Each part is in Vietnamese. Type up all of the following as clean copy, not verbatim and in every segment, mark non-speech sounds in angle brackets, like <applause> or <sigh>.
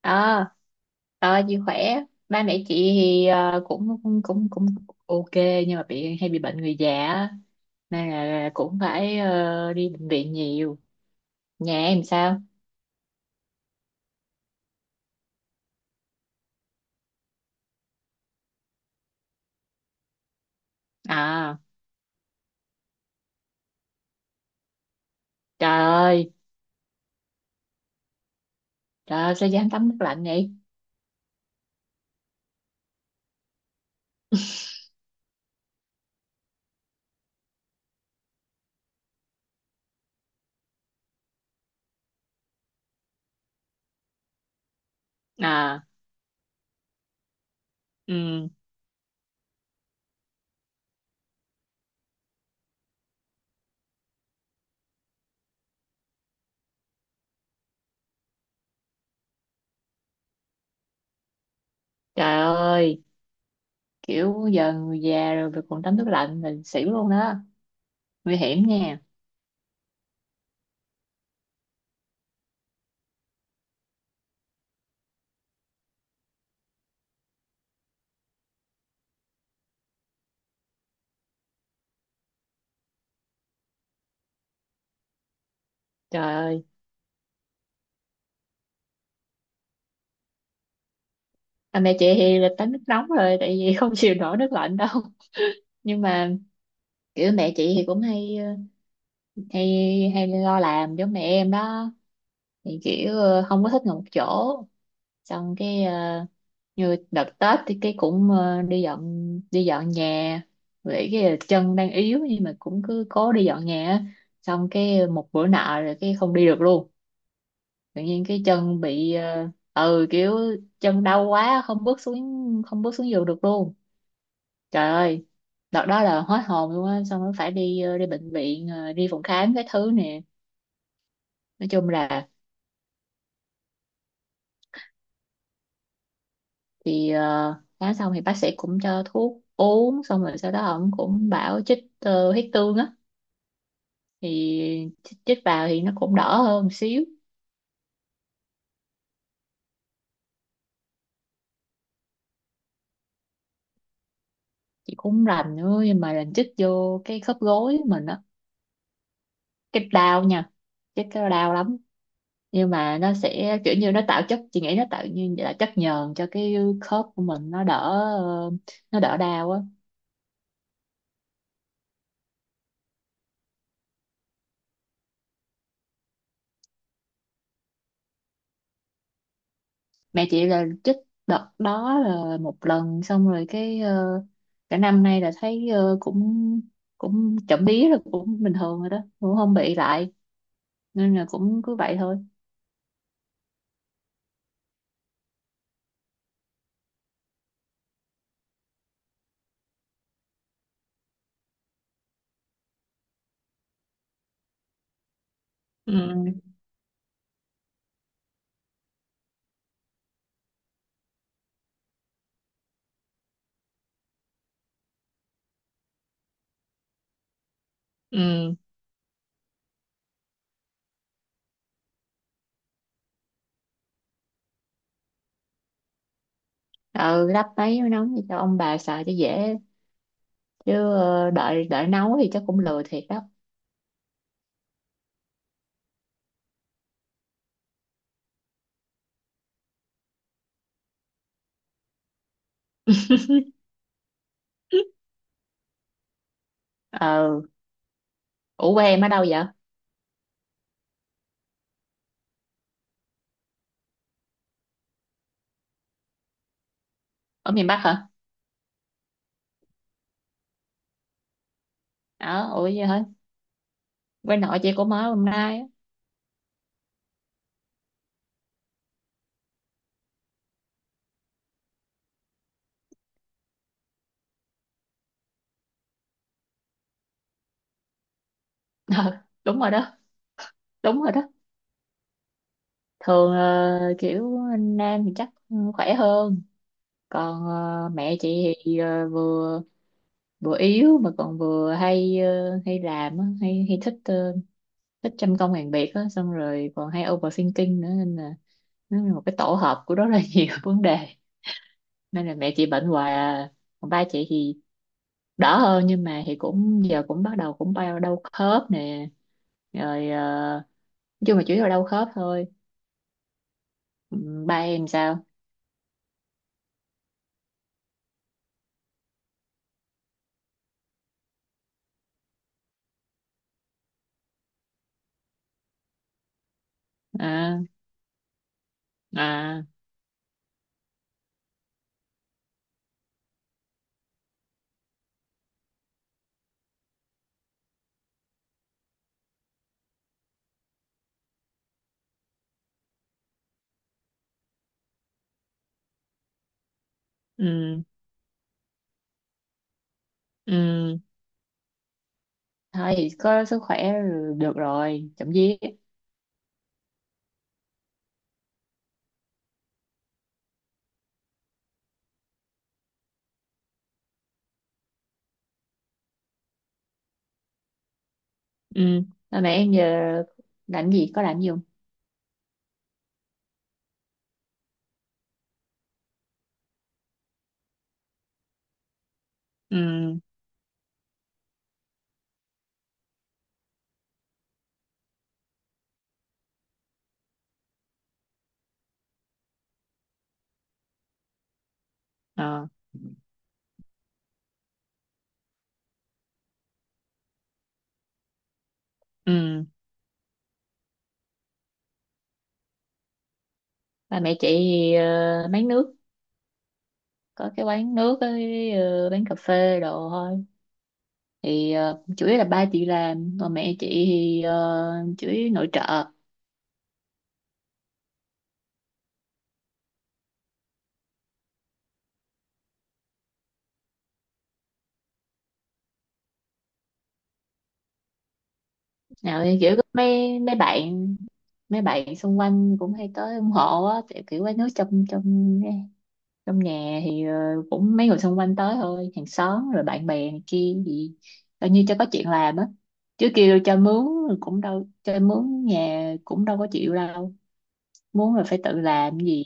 ờ ờ, chị khỏe. Ba mẹ chị thì ờ, cũng cũng cũng cũng ok, nhưng mà hay bị bệnh người già á. Nên là cũng phải đi bệnh viện nhiều. Nhà em sao? À, trời ơi, trời ơi, sao dám tắm nước lạnh vậy? <laughs> À, ừ, trời ơi, kiểu giờ người già rồi mà còn tắm nước lạnh là xỉu luôn đó, nguy hiểm nha. Trời ơi. À, mẹ chị thì là tắm nước nóng rồi, tại vì <laughs> không chịu nổi nước lạnh đâu. Nhưng mà kiểu mẹ chị thì cũng hay ờ, hay hay lo làm giống mẹ em đó. Thì kiểu không có thích ngồi một chỗ. Xong cái như đợt Tết thì cái cũng đi dọn nhà, vì cái chân đang yếu, nhưng mà cũng cứ cố đi dọn nhà á. Xong cái một bữa nọ rồi cái không đi được luôn, tự nhiên cái chân bị ừ, kiểu chân đau quá, không bước xuống giường được luôn. Trời ơi, đợt đó là hết hồn luôn á, xong nó phải đi bệnh viện, đi phòng khám cái thứ nè. Nói chung là thì khám xong thì bác sĩ cũng cho thuốc uống, xong rồi sau đó ông cũng bảo chích huyết tương á. Thì chích vào thì nó cũng đỡ hơn một xíu. Chị cũng rành nữa nhưng mà rành chích vô cái khớp gối mình á, cái đau nha, chích cái đau lắm. Nhưng mà nó sẽ kiểu như nó tạo chất, chị nghĩ nó tạo như là chất nhờn cho cái khớp của mình ờ, nó đỡ đau á. Mẹ chị là chích đợt đó là một lần, xong rồi cái cả năm nay là thấy ờ, cũng cũng chậm bí là cũng bình thường rồi đó, cũng không bị lại, nên là cũng cứ vậy thôi. Ừ, ừ, ừ, lắp mấy mới nóng cho ông bà xài cho dễ, chứ ờ, đợi đợi nấu thì chắc cũng lười thiệt đó. <laughs> Ừ. Ủa quê em ở đâu vậy? Ở miền Bắc hả? Ủa vậy hả? Quê nội chị cũng ở hôm nay. <laughs> Ờ, đúng rồi đó. Đúng rồi đó, thường kiểu nam thì chắc khỏe hơn. Còn mẹ chị thì ờ, vừa vừa yếu, mà còn vừa hay làm á, hay hay thích ờ, thích trăm công ngàn việc á, xong rồi còn hay overthinking nữa, nên là nó là một cái tổ hợp của rất là <laughs> nhiều vấn đề, nên là mẹ chị bệnh hoài à. Còn ba chị thì đỡ hơn, nhưng mà thì cũng giờ cũng bắt đầu cũng bao đau khớp nè, rồi nói chung là chủ yếu là đau khớp thôi. Ừ, ba em sao? À, à, ừ, ừ, thôi thì có sức khỏe được rồi, chậm vía. Ừ, ba mẹ em giờ làm gì, có làm gì không? Ừ, ờ, ừ. Ba mẹ chị bán nước, có cái quán nước với bán cà phê đồ thôi. Thì chủ yếu là ba chị làm, còn mẹ chị thì chủ yếu nội trợ. Nào thì kiểu có mấy mấy bạn xung quanh cũng hay tới ủng hộ á, kiểu kiểu quán nước trong trong trong nhà, thì cũng mấy người xung quanh tới thôi, hàng xóm rồi bạn bè này kia gì, coi như cho có chuyện làm á, chứ kêu cho mướn cũng đâu cho mướn, nhà cũng đâu có chịu đâu, muốn là phải tự làm gì.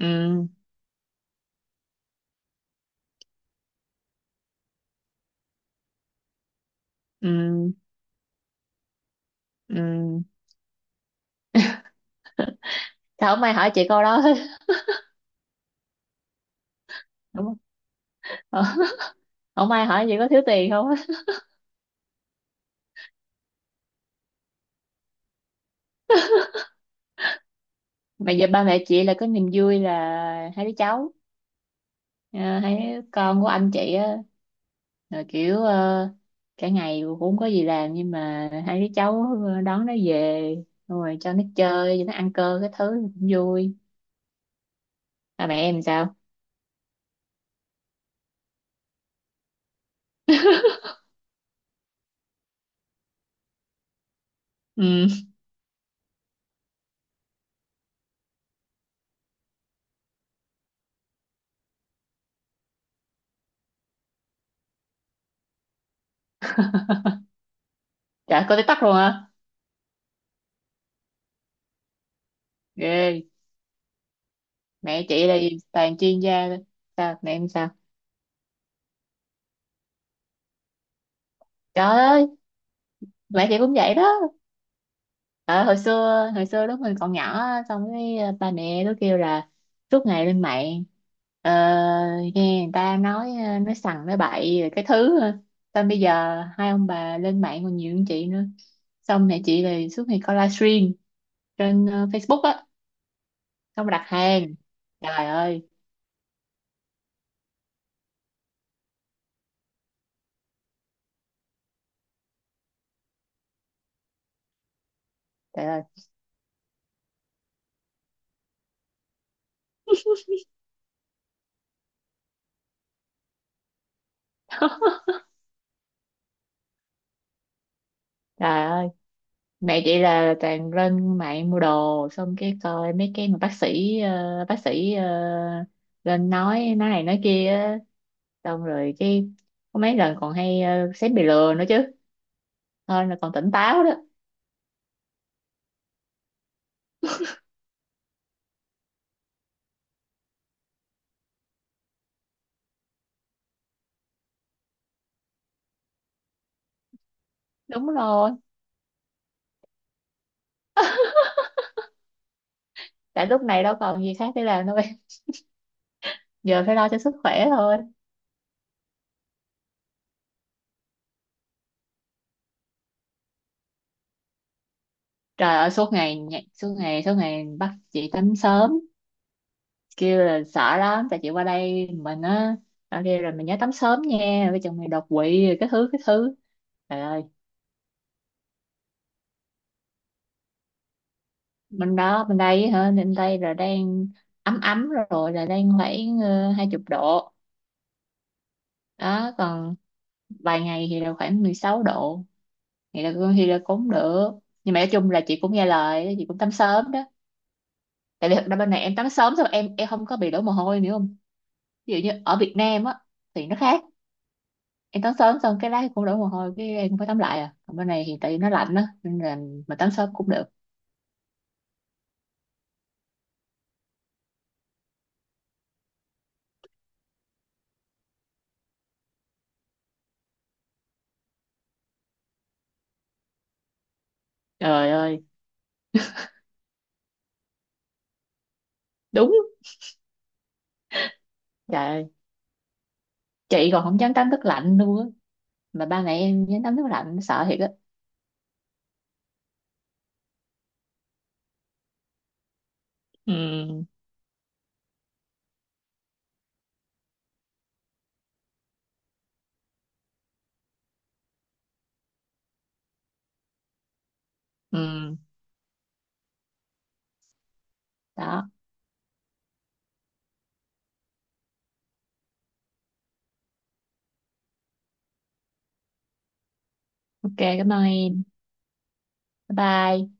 Ừ, ừ, ừ. Sao không ai hỏi chị câu đó hết? <laughs> Đúng không? Ờ, không ai hỏi chị có thiếu tiền không á. Mà giờ ba mẹ chị là có niềm vui là hai đứa cháu, ờ, hai đứa con của anh chị á, rồi kiểu cả ngày cũng không có gì làm nhưng mà hai đứa cháu đón nó về, xong rồi cho nó chơi cho nó ăn cơm cái thứ cũng vui. À, mẹ em sao? Ừ. <laughs> Trời có TikTok luôn hả? Ghê. Mẹ chị là gì? Toàn chuyên gia thôi. Sao mẹ em sao? Trời ơi, mẹ chị cũng vậy đó. Ờ, hồi xưa lúc mình còn nhỏ á, xong cái ba mẹ nó kêu là suốt ngày lên mạng, ờ, nghe người ta nói nói sằng nói bậy rồi cái thứ ờ. Xong bây giờ hai ông bà lên mạng còn nhiều hơn chị nữa, xong mẹ chị thì suốt ngày coi livestream trên Facebook á, xong đặt hàng. Trời ơi, trời ơi, trời ơi, mẹ chị là toàn lên mạng mua đồ, xong cái coi mấy cái mà bác sĩ lên nói này nói kia á, xong rồi cái có mấy lần còn hay xém bị lừa nữa chứ, thôi là còn tỉnh táo đó. Đúng rồi, tại lúc này đâu còn gì khác để làm đâu em, giờ phải lo cho sức khỏe thôi. Trời ơi, suốt ngày nhảy- suốt ngày bắt chị tắm sớm, kêu là sợ lắm, tại chị qua đây mình á, ở đây rồi mình nhớ tắm sớm nha, với chồng mày đột quỵ rồi cái thứ cái thứ. Trời ơi. Bên đó, bên đây hả? Bên đây là đang ấm ấm rồi, là đang khoảng 20 độ, đó còn vài ngày thì là khoảng 16 độ, thì là cũng được. Nhưng mà nói chung là chị cũng nghe lời đó, chị cũng tắm sớm đó. Tại vì thật ra bên này em tắm sớm xong em không có bị đổ mồ hôi nữa không, ví dụ như ở Việt Nam á thì nó khác, em tắm sớm xong cái lá cũng đổ mồ hôi, cái em cũng phải tắm lại, à còn bên này thì tại vì nó lạnh á nên là mà tắm sớm cũng được. Trời ơi, đúng. Trời ơi. Chị còn không dám tắm nước lạnh luôn á, mà ba mẹ em dám tắm nước lạnh sợ thiệt á. Ừ, ừ. Đó, ok, cảm ơn em. Bye bye.